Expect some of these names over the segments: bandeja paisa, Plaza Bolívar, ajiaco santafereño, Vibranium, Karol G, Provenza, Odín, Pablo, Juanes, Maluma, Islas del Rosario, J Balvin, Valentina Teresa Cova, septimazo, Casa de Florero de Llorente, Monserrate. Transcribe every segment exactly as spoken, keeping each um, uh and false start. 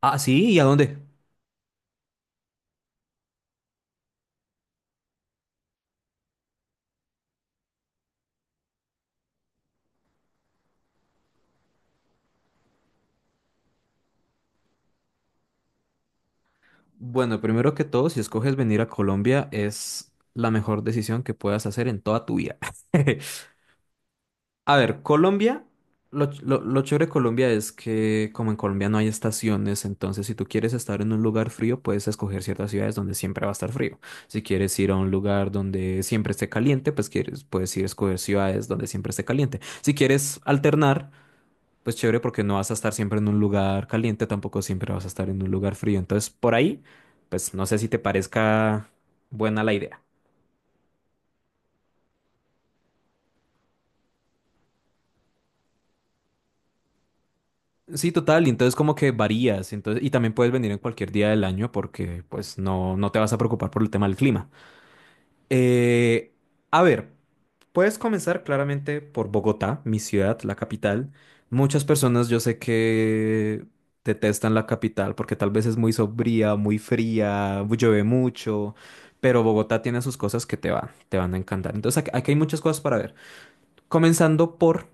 Ah, sí, ¿y a dónde? Bueno, primero que todo, si escoges venir a Colombia, es la mejor decisión que puedas hacer en toda tu vida. A ver, Colombia, lo, ch- lo, lo chévere de Colombia es que como en Colombia no hay estaciones, entonces si tú quieres estar en un lugar frío, puedes escoger ciertas ciudades donde siempre va a estar frío. Si quieres ir a un lugar donde siempre esté caliente, pues quieres, puedes ir a escoger ciudades donde siempre esté caliente. Si quieres alternar, pues chévere porque no vas a estar siempre en un lugar caliente, tampoco siempre vas a estar en un lugar frío. Entonces, por ahí, pues no sé si te parezca buena la idea. Sí, total, y entonces como que varías, entonces, y también puedes venir en cualquier día del año porque pues no, no te vas a preocupar por el tema del clima. Eh, a ver, puedes comenzar claramente por Bogotá, mi ciudad, la capital. Muchas personas yo sé que detestan la capital porque tal vez es muy sombría, muy fría, mu- llueve mucho, pero Bogotá tiene sus cosas que te van, te van a encantar. Entonces aquí, aquí hay muchas cosas para ver. Comenzando por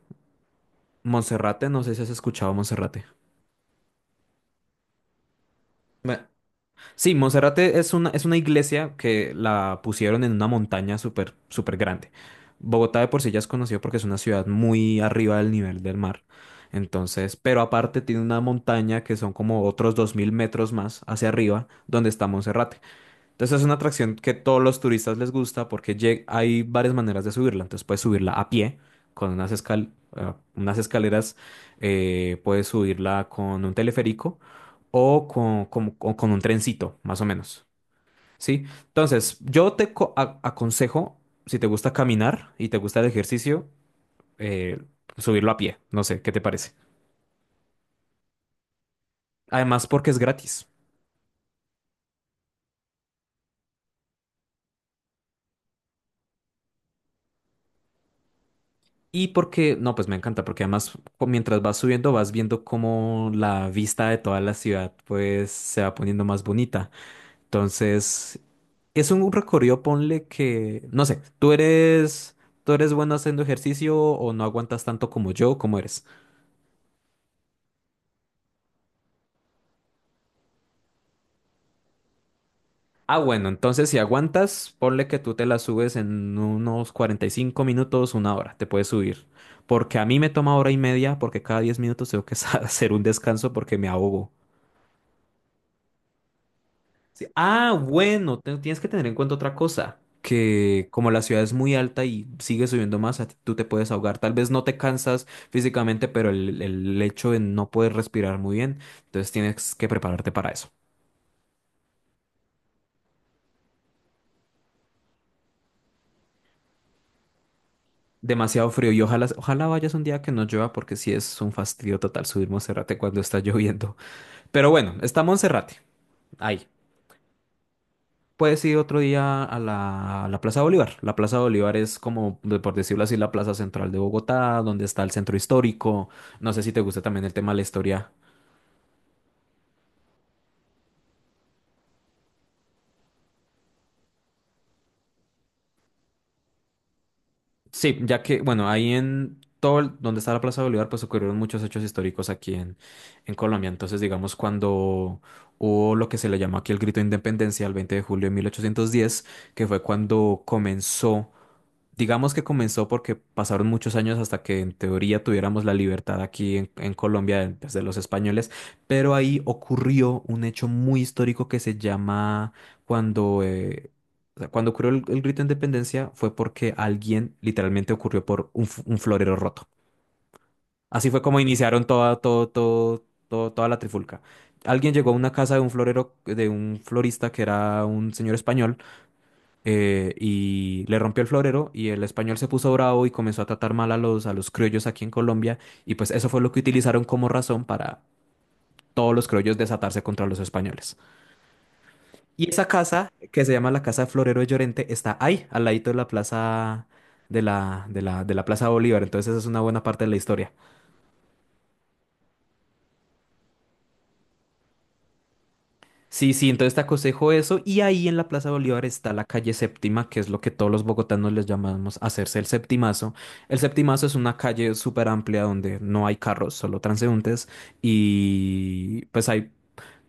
Monserrate, no sé si has escuchado Monserrate. Sí, Monserrate es una, es una iglesia que la pusieron en una montaña súper, súper grande. Bogotá de por sí ya es conocido porque es una ciudad muy arriba del nivel del mar. Entonces, pero aparte tiene una montaña que son como otros dos mil metros más hacia arriba donde está Monserrate. Entonces es una atracción que todos los turistas les gusta porque lle- hay varias maneras de subirla. Entonces puedes subirla a pie con unas, escal- eh, unas escaleras, eh, puedes subirla con un teleférico o con, con- con- con un trencito, más o menos. ¿Sí? Entonces yo te co- a- aconsejo, si te gusta caminar y te gusta el ejercicio, eh, subirlo a pie. No sé, ¿qué te parece? Además porque es gratis. Y porque, no, pues me encanta, porque además cu- mientras vas subiendo vas viendo cómo la vista de toda la ciudad pues se va poniendo más bonita. Entonces, es un recorrido, ponle que, no sé, tú eres, tú eres bueno haciendo ejercicio o no aguantas tanto como yo, ¿cómo eres? Ah, bueno, entonces si aguantas, ponle que tú te la subes en unos cuarenta y cinco minutos, una hora, te puedes subir. Porque a mí me toma hora y media, porque cada diez minutos tengo que hacer un descanso porque me ahogo. Sí. Ah, bueno, te- tienes que tener en cuenta otra cosa, que como la ciudad es muy alta y sigue subiendo más, a ti- tú te puedes ahogar. Tal vez no te cansas físicamente, pero el, el hecho de no poder respirar muy bien, entonces tienes que prepararte para eso. Demasiado frío y ojalá, ojalá vayas un día que no llueva porque sí es un fastidio total subir Monserrate cuando está lloviendo. Pero bueno, está Monserrate. Ahí. Puedes ir otro día a la, a la Plaza Bolívar. La Plaza Bolívar es como, de- por decirlo así, la plaza central de Bogotá, donde está el centro histórico. No sé si te gusta también el tema de la historia. Sí, ya que, bueno, ahí en todo el- donde está la Plaza Bolívar, pues ocurrieron muchos hechos históricos aquí en, en Colombia. Entonces, digamos, cuando hubo lo que se le llama aquí el grito de independencia el veinte de julio de mil ochocientos diez, que fue cuando comenzó. Digamos que comenzó porque pasaron muchos años hasta que en teoría tuviéramos la libertad aquí en, en Colombia de pues, de los españoles, pero ahí ocurrió un hecho muy histórico que se llama cuando, eh, o sea, cuando ocurrió el, el grito de independencia fue porque alguien literalmente ocurrió por un, f- un florero roto. Así fue como iniciaron toda, todo, todo, todo- toda la trifulca. Alguien llegó a una casa de un florero, de un florista que era un señor español, eh, y le rompió el florero y el español se puso bravo y comenzó a tratar mal a los, a los criollos aquí en Colombia, y pues eso fue lo que utilizaron como razón para todos los criollos desatarse contra los españoles. Y esa casa, que se llama la Casa de Florero de Llorente, está ahí, al ladito de la plaza de la, de la, de la Plaza Bolívar, entonces esa es una buena parte de la historia. Sí, sí, entonces te aconsejo eso. Y ahí en la Plaza Bolívar está la calle Séptima, que es lo que todos los bogotanos les llamamos hacerse el septimazo. El septimazo es una calle súper amplia donde no hay carros, solo transeúntes. Y pues hay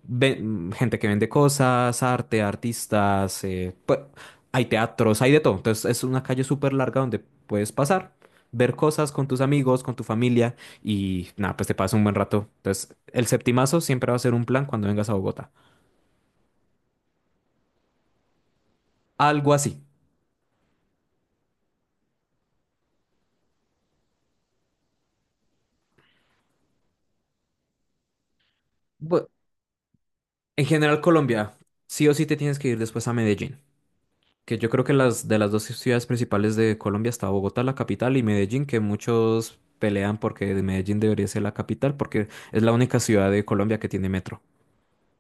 ve- mm, gente que vende cosas, arte, artistas, eh, pues, hay teatros, hay de todo. Entonces es una calle súper larga donde puedes pasar, ver cosas con tus amigos, con tu familia y nada, pues te pasa un buen rato. Entonces el septimazo siempre va a ser un plan cuando vengas a Bogotá. Algo así. Bu- en general, Colombia, sí o sí te tienes que ir después a Medellín, que yo creo que las de las dos ciudades principales de Colombia está Bogotá, la capital, y Medellín, que muchos pelean porque de Medellín debería ser la capital, porque es la única ciudad de Colombia que tiene metro.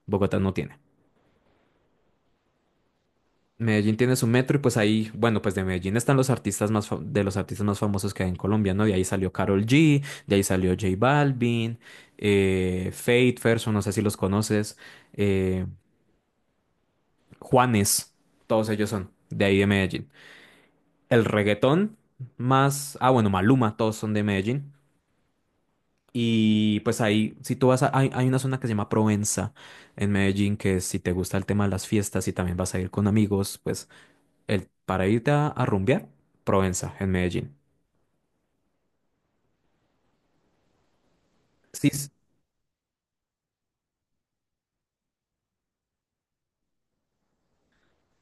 Bogotá no tiene. Medellín tiene su metro y pues ahí, bueno, pues de Medellín están los artistas más fa- de los artistas más famosos que hay en Colombia, ¿no? De ahí salió Karol G, de ahí salió J Balvin, eh, Fate, Ferso, no sé si los conoces. eh, Juanes, todos ellos son de ahí de Medellín. El reggaetón más, ah bueno, Maluma, todos son de Medellín. Y pues ahí, si tú vas a, hay, hay una zona que se llama Provenza en Medellín, que si te gusta el tema de las fiestas y también vas a ir con amigos, pues el, para irte a, a rumbear, Provenza en Medellín. Sí, es-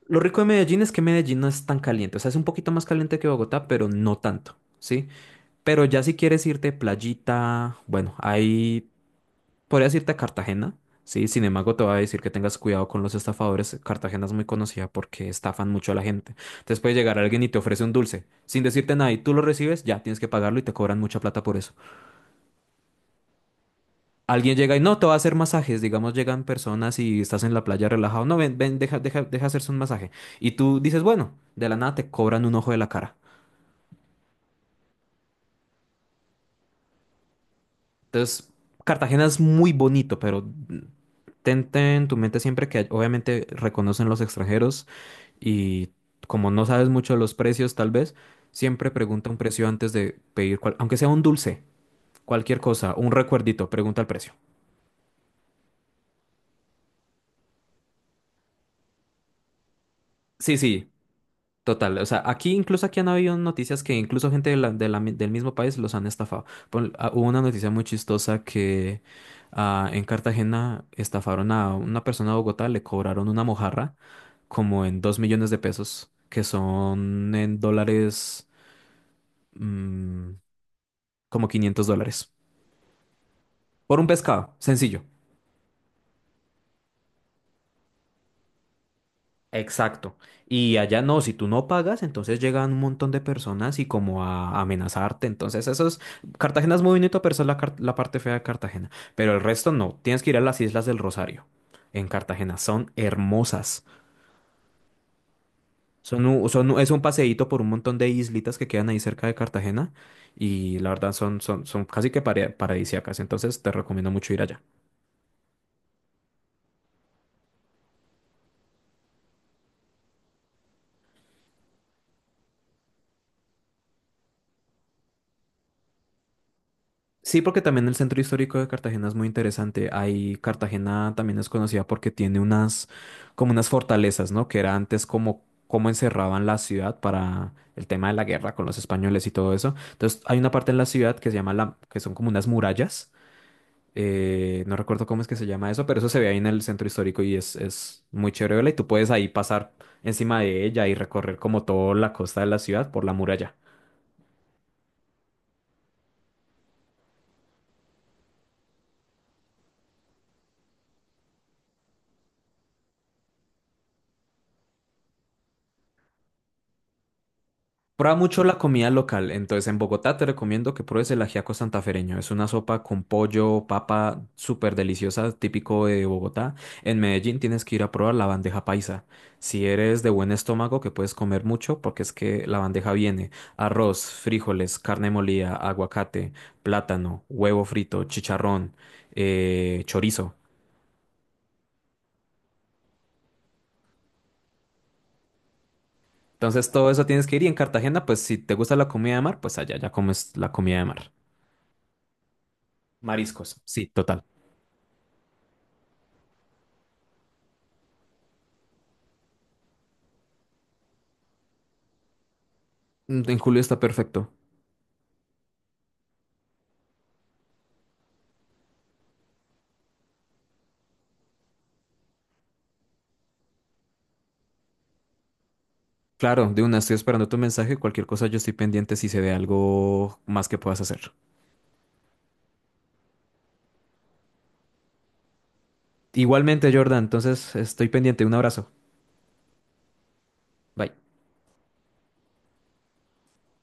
lo rico de Medellín es que Medellín no es tan caliente, o sea, es un poquito más caliente que Bogotá, pero no tanto, ¿sí? Pero ya si quieres irte playita, bueno, ahí podrías irte a Cartagena, sí, sin embargo te voy a decir que tengas cuidado con los estafadores. Cartagena es muy conocida porque estafan mucho a la gente. Entonces puede llegar alguien y te ofrece un dulce, sin decirte nada, y tú lo recibes, ya tienes que pagarlo y te cobran mucha plata por eso. Alguien llega y no, te va a hacer masajes, digamos, llegan personas y estás en la playa relajado, no, ven, ven, deja, deja, deja hacerse un masaje. Y tú dices, bueno, de la nada te cobran un ojo de la cara. Entonces, Cartagena es muy bonito, pero... Ten, ten en tu mente siempre que obviamente reconocen los extranjeros y como no sabes mucho de los precios, tal vez, siempre pregunta un precio antes de pedir, cual- aunque sea un dulce, cualquier cosa, un recuerdito, pregunta el precio. Sí, sí, total. O sea, aquí, incluso aquí han habido noticias que incluso gente de la- de la mi- del mismo país los han estafado. Pon- ah, hubo una noticia muy chistosa que ah, en Cartagena estafaron a una persona de Bogotá, le cobraron una mojarra como en dos millones de pesos, que son en dólares, mm, como quinientos dólares. Por un pescado, sencillo. Exacto. Y allá no, si tú no pagas, entonces llegan un montón de personas y como a amenazarte. Entonces, eso es. Cartagena es muy bonito, pero esa es la, car- la parte fea de Cartagena. Pero el resto no. Tienes que ir a las Islas del Rosario en Cartagena. Son hermosas. Son, u- son, u- es un paseíto por un montón de islitas que quedan ahí cerca de Cartagena. Y la verdad son, son, son, casi que pare- paradisíacas. Entonces, te recomiendo mucho ir allá. Sí, porque también el centro histórico de Cartagena es muy interesante. Ahí Cartagena también es conocida porque tiene unas, como unas fortalezas, ¿no? Que era antes como, como encerraban la ciudad para el tema de la guerra con los españoles y todo eso. Entonces, hay una parte en la ciudad que se llama la, que son como unas murallas. Eh, no recuerdo cómo es que se llama eso, pero eso se ve ahí en el centro histórico y es, es muy chévere verla. Y tú puedes ahí pasar encima de ella y recorrer como toda la costa de la ciudad por la muralla. Prueba mucho la comida local. Entonces, en Bogotá te recomiendo que pruebes el ajiaco santafereño. Es una sopa con pollo, papa, súper deliciosa, típico de Bogotá. En Medellín tienes que ir a probar la bandeja paisa. Si eres de buen estómago, que puedes comer mucho, porque es que la bandeja viene arroz, frijoles, carne molida, aguacate, plátano, huevo frito, chicharrón, eh, chorizo. Entonces, todo eso tienes que ir. Y en Cartagena, pues si te gusta la comida de mar, pues allá ya comes la comida de mar. Mariscos, sí, total. Mm, En julio está perfecto. Claro, de una, estoy esperando tu mensaje. Cualquier cosa, yo estoy pendiente si se ve algo más que puedas hacer. Igualmente, Jordan, entonces estoy pendiente. Un abrazo. Bye.